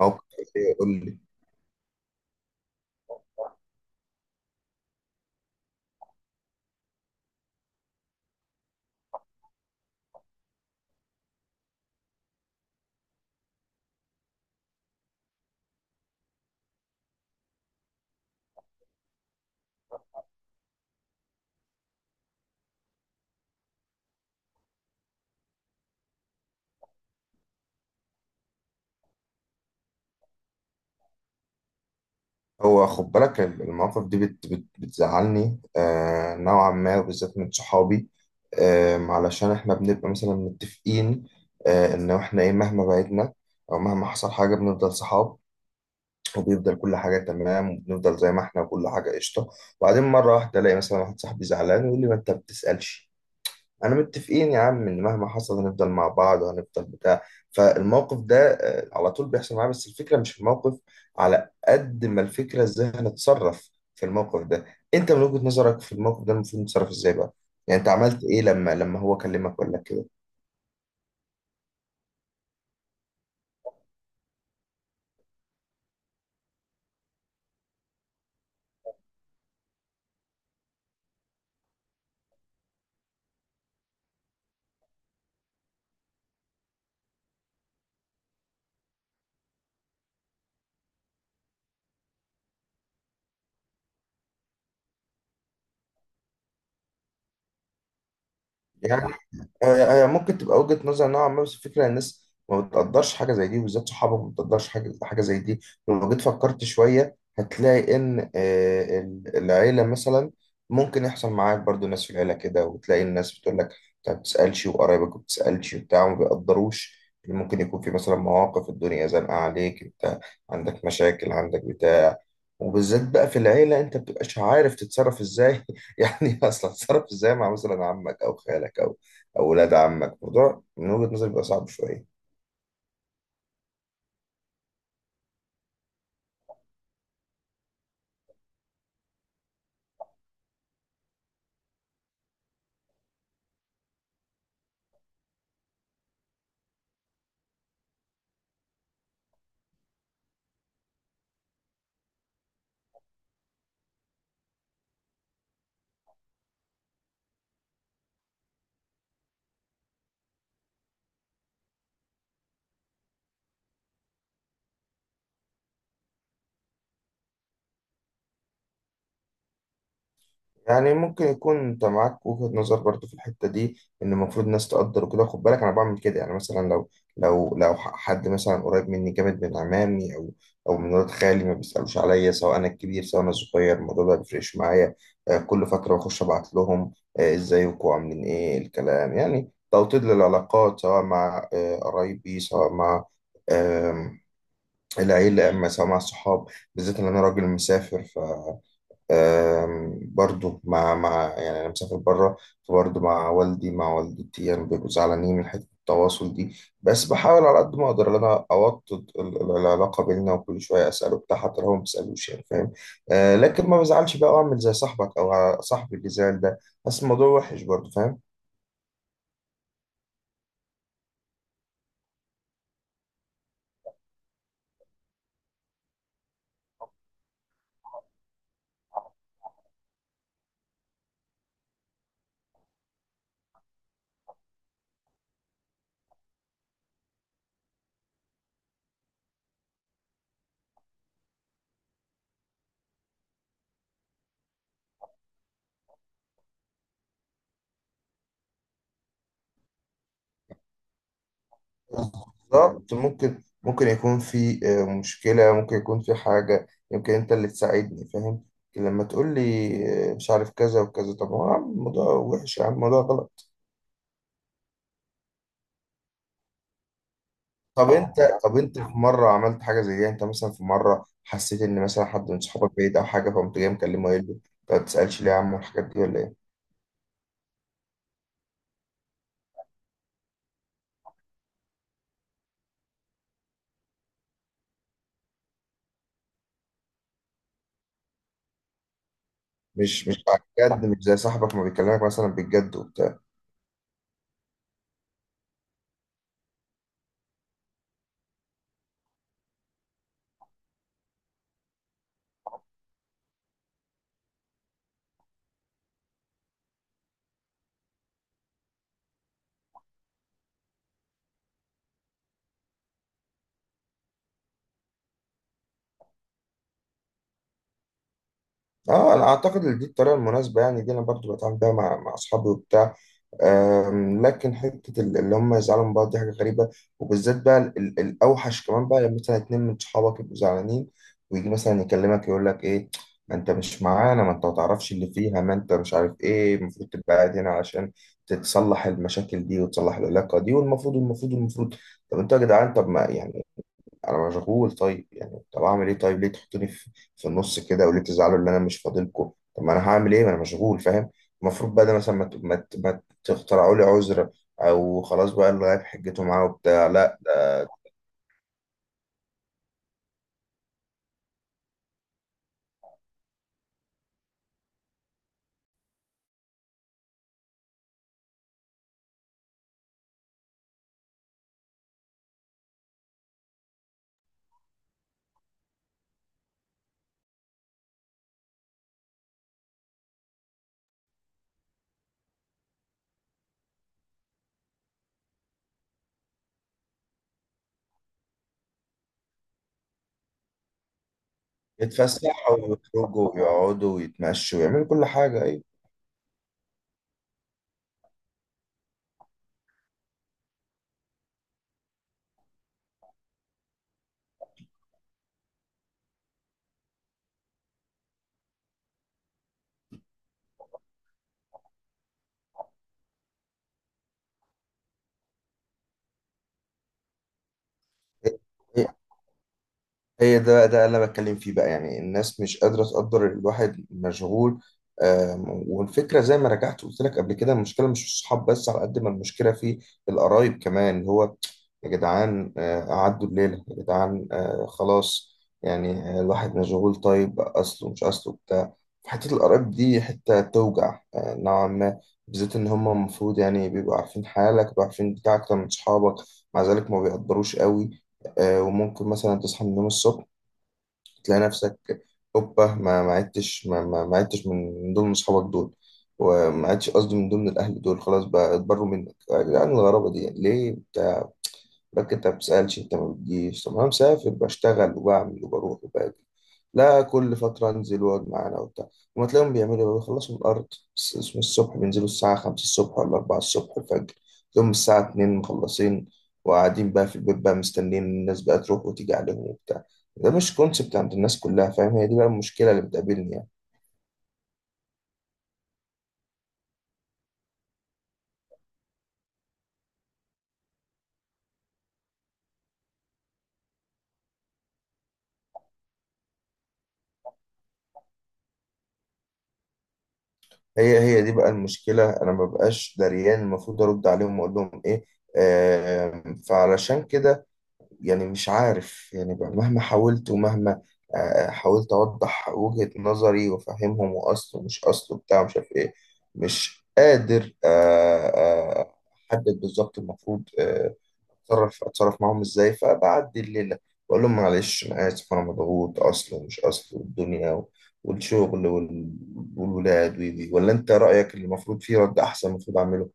موقف؟ ايه قول لي. هو خد بالك المواقف دي بت بت بتزعلني آه، نوعا ما، وبالذات من صحابي. آه، علشان احنا بنبقى مثلا متفقين، آه، ان احنا ايه، مهما بعدنا او مهما حصل حاجة بنفضل صحاب، وبيفضل كل حاجة تمام، وبنفضل زي ما احنا وكل حاجة قشطة. وبعدين مرة واحدة ألاقي مثلا واحد صاحبي زعلان ويقول لي: ما أنت بتسألش. أنا متفقين يا عم إن مهما حصل هنفضل مع بعض وهنفضل بتاع. فالموقف ده آه، على طول بيحصل معايا، بس الفكرة مش في الموقف، على قد ما الفكرة إزاي هنتصرف في الموقف ده. أنت من وجهة نظرك في الموقف ده المفروض نتصرف إزاي بقى؟ يعني أنت عملت إيه لما هو كلمك وقال لك كده؟ يعني هي ممكن تبقى وجهة نظر نوعا ما، بس الفكرة إن الناس ما بتقدرش حاجة زي دي، وبالذات صحابك ما بتقدرش حاجة زي دي. لو جيت فكرت شوية هتلاقي إن آه، العيلة مثلا ممكن يحصل معاك برضو ناس في العيلة كده، وتلاقي الناس بتقول لك: أنت ما بتسألش وقرايبك ما بتسألش وبتاع، وما بيقدروش. ممكن يكون في مثلا مواقف الدنيا زنقة عليك أنت، عندك مشاكل، عندك بتاع. وبالذات بقى في العيلة انت بتبقاش عارف تتصرف ازاي، يعني اصلا تتصرف ازاي مع مثلا عمك او خالك او او ولاد عمك؟ موضوع من وجهة نظري بيبقى صعب شوية. يعني ممكن يكون انت معاك وجهة نظر برضو في الحتة دي، ان المفروض الناس تقدر وكده. خد بالك انا بعمل كده، يعني مثلا لو حد مثلا قريب مني جامد من عمامي او او من ولاد خالي، ما بيسألوش عليا، سواء انا الكبير سواء انا الصغير، الموضوع ده بيفرقش معايا. آه، كل فترة بخش ابعت لهم آه، ازيكم عاملين ايه، الكلام يعني توطيد للعلاقات، سواء مع آه، قرايبي، سواء مع آم، العيلة، أما سواء مع الصحاب. بالذات إن أنا راجل مسافر، آم، برضو مع يعني أنا مسافر بره، فبرضو مع والدي مع والدتي، يعني بيبقوا زعلانين من حتة التواصل دي. بس بحاول على قد ما أقدر إن أنا أوطد العلاقة بيننا، وكل شوية أسأله بتاع، حتى لو هو ما بيسألوش، يعني فاهم. آه، لكن ما بزعلش بقى أعمل زي صاحبك أو صاحبي اللي زعل ده. بس الموضوع وحش برضو فاهم. بالظبط. ممكن يكون في آه، مشكلة، ممكن يكون في حاجة يمكن أنت اللي تساعدني فاهم. لكن لما تقول لي آه، مش عارف كذا وكذا، طب هو يا عم الموضوع وحش، يا عم الموضوع غلط. طب أنت، طب أنت في مرة عملت حاجة زي دي؟ أنت مثلا في مرة حسيت إن مثلا حد من صحابك بعيد أو حاجة، فقمت جاي مكلمه يقول له: "أنت ما بتسألش ليه يا عم؟" والحاجات دي ولا إيه؟ مش على الجد؟ مش زي صاحبك ما بيكلمك مثلا بالجد وبتاع؟ اه، انا اعتقد ان دي الطريقه المناسبه، يعني دي انا برضو بتعامل بيها مع اصحابي وبتاع. أم، لكن حتة اللي هم يزعلوا من بعض دي حاجة غريبة. وبالذات بقى الأوحش كمان بقى لما مثلا اتنين من صحابك يبقوا زعلانين، ويجي مثلا يكلمك يقول لك: إيه، ما أنت مش معانا، ما أنت ما تعرفش اللي فيها، ما أنت مش عارف، إيه، المفروض تبقى قاعد هنا عشان تتصلح المشاكل دي وتصلح العلاقة دي، والمفروض المفروض. طب أنتوا يا جدعان، طب ما يعني انا مشغول. طيب يعني طب اعمل ايه؟ طيب ليه تحطوني في في النص كده، وليه تزعلوا ان انا مش فاضلكم؟ طب ما انا هعمل ايه، ما انا مشغول فاهم. المفروض بقى ده مثلا ما تخترعوا لي عذر، او خلاص بقى اللي غايب حجته معاه وبتاع، لا ده يتفسحوا ويخرجوا ويقعدوا ويتمشوا ويعملوا كل حاجه. ايه، ده بقى، ده اللي انا بتكلم فيه بقى، يعني الناس مش قادره تقدر الواحد مشغول. آم، والفكره زي ما رجعت قلت لك قبل كده، المشكله مش في الصحاب بس، على قد ما المشكله في القرايب كمان. اللي هو يا جدعان آه، قعدوا الليله يا جدعان، آه، خلاص يعني آه، الواحد مشغول، طيب اصله مش اصله بتاع. حته القرايب دي حته توجع آه، نوعا ما، بالذات ان هم المفروض يعني بيبقوا عارفين حالك، بيبقوا عارفين بتاع اكتر من صحابك، مع ذلك ما بيقدروش قوي. آه، وممكن مثلا تصحى من النوم الصبح تلاقي نفسك هوبا، ما عدتش من ضمن اصحابك دول، وما عدتش قصدي من ضمن الاهل دول. خلاص بقى اتبروا منك يا جدعان؟ الغرابه دي ليه؟ لك انت ما بتسألش، انت ما بتجيش. طب انا مسافر، بشتغل وبعمل وبروح وباجي، لا كل فترة انزل واقعد معانا وبتاع. وما تلاقيهم بيعملوا ايه؟ بيخلصوا من الارض، من الصبح بينزلوا الساعة 5 الصبح ولا 4 الصبح الفجر، تلاقيهم الساعة 2 مخلصين، وقاعدين بقى في البيت بقى مستنيين الناس بقى تروح وتيجي عليهم وبتاع. ده مش كونسبت عند الناس كلها فاهم. هي دي بقى المشكلة اللي بتقابلني يعني. هي دي بقى المشكلة، انا ما بقاش دريان المفروض ارد عليهم واقول لهم ايه. آم، فعلشان كده يعني مش عارف يعني بقى، مهما حاولت ومهما آه، حاولت أوضح وجهة نظري وأفهمهم، وأصله مش أصله بتاع مش عارف إيه، مش قادر آه، آه، أحدد بالظبط المفروض آه، أتصرف معاهم إزاي. فبعدي الليلة بقول لهم معلش أنا آسف، أنا مضغوط، أصله ومش أصله، والدنيا والشغل والولاد وي- وي. ولا أنت رأيك اللي المفروض فيه رد أحسن المفروض أعمله؟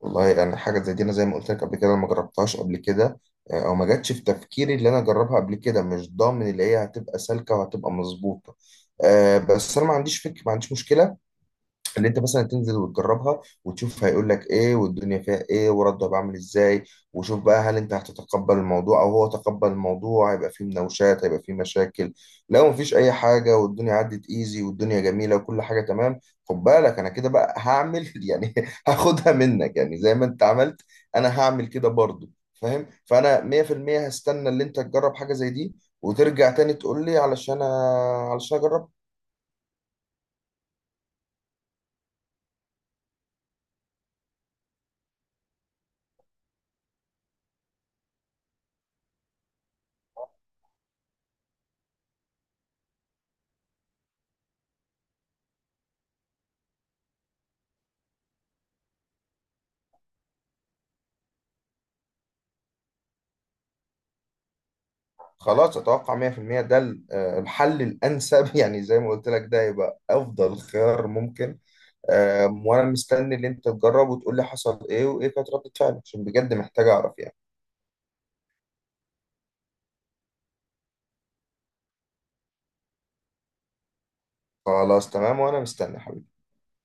والله يعني حاجة زي دي أنا زي ما قلت لك قبل كده، أنا ما جربتهاش قبل كده. آه، أو ما جاتش في تفكيري اللي أنا أجربها قبل كده، مش ضامن اللي هي هتبقى سالكة وهتبقى مظبوطة. آه، بس أنا ما عنديش فكرة، ما عنديش مشكلة اللي انت مثلا تنزل وتجربها وتشوف هيقول لك ايه، والدنيا فيها ايه، ورده بعمل ازاي. وشوف بقى هل انت هتتقبل الموضوع او هو تقبل الموضوع، هيبقى فيه مناوشات، هيبقى فيه مشاكل. لو مفيش اي حاجه والدنيا عدت ايزي والدنيا جميله وكل حاجه تمام، خد بالك انا كده بقى هعمل، يعني هاخدها منك، يعني زي ما انت عملت انا هعمل كده برضو فاهم. فانا 100% هستنى اللي انت تجرب حاجه زي دي وترجع تاني تقول لي، علشان اجرب. خلاص، اتوقع 100% ده آه، الحل الانسب، يعني زي ما قلت لك ده يبقى افضل خيار ممكن. آم، وانا مستني اللي انت تجرب وتقول لي حصل ايه وايه كانت ردة فعلك، عشان بجد محتاج اعرف يعني. خلاص تمام، وانا مستني حبيبي.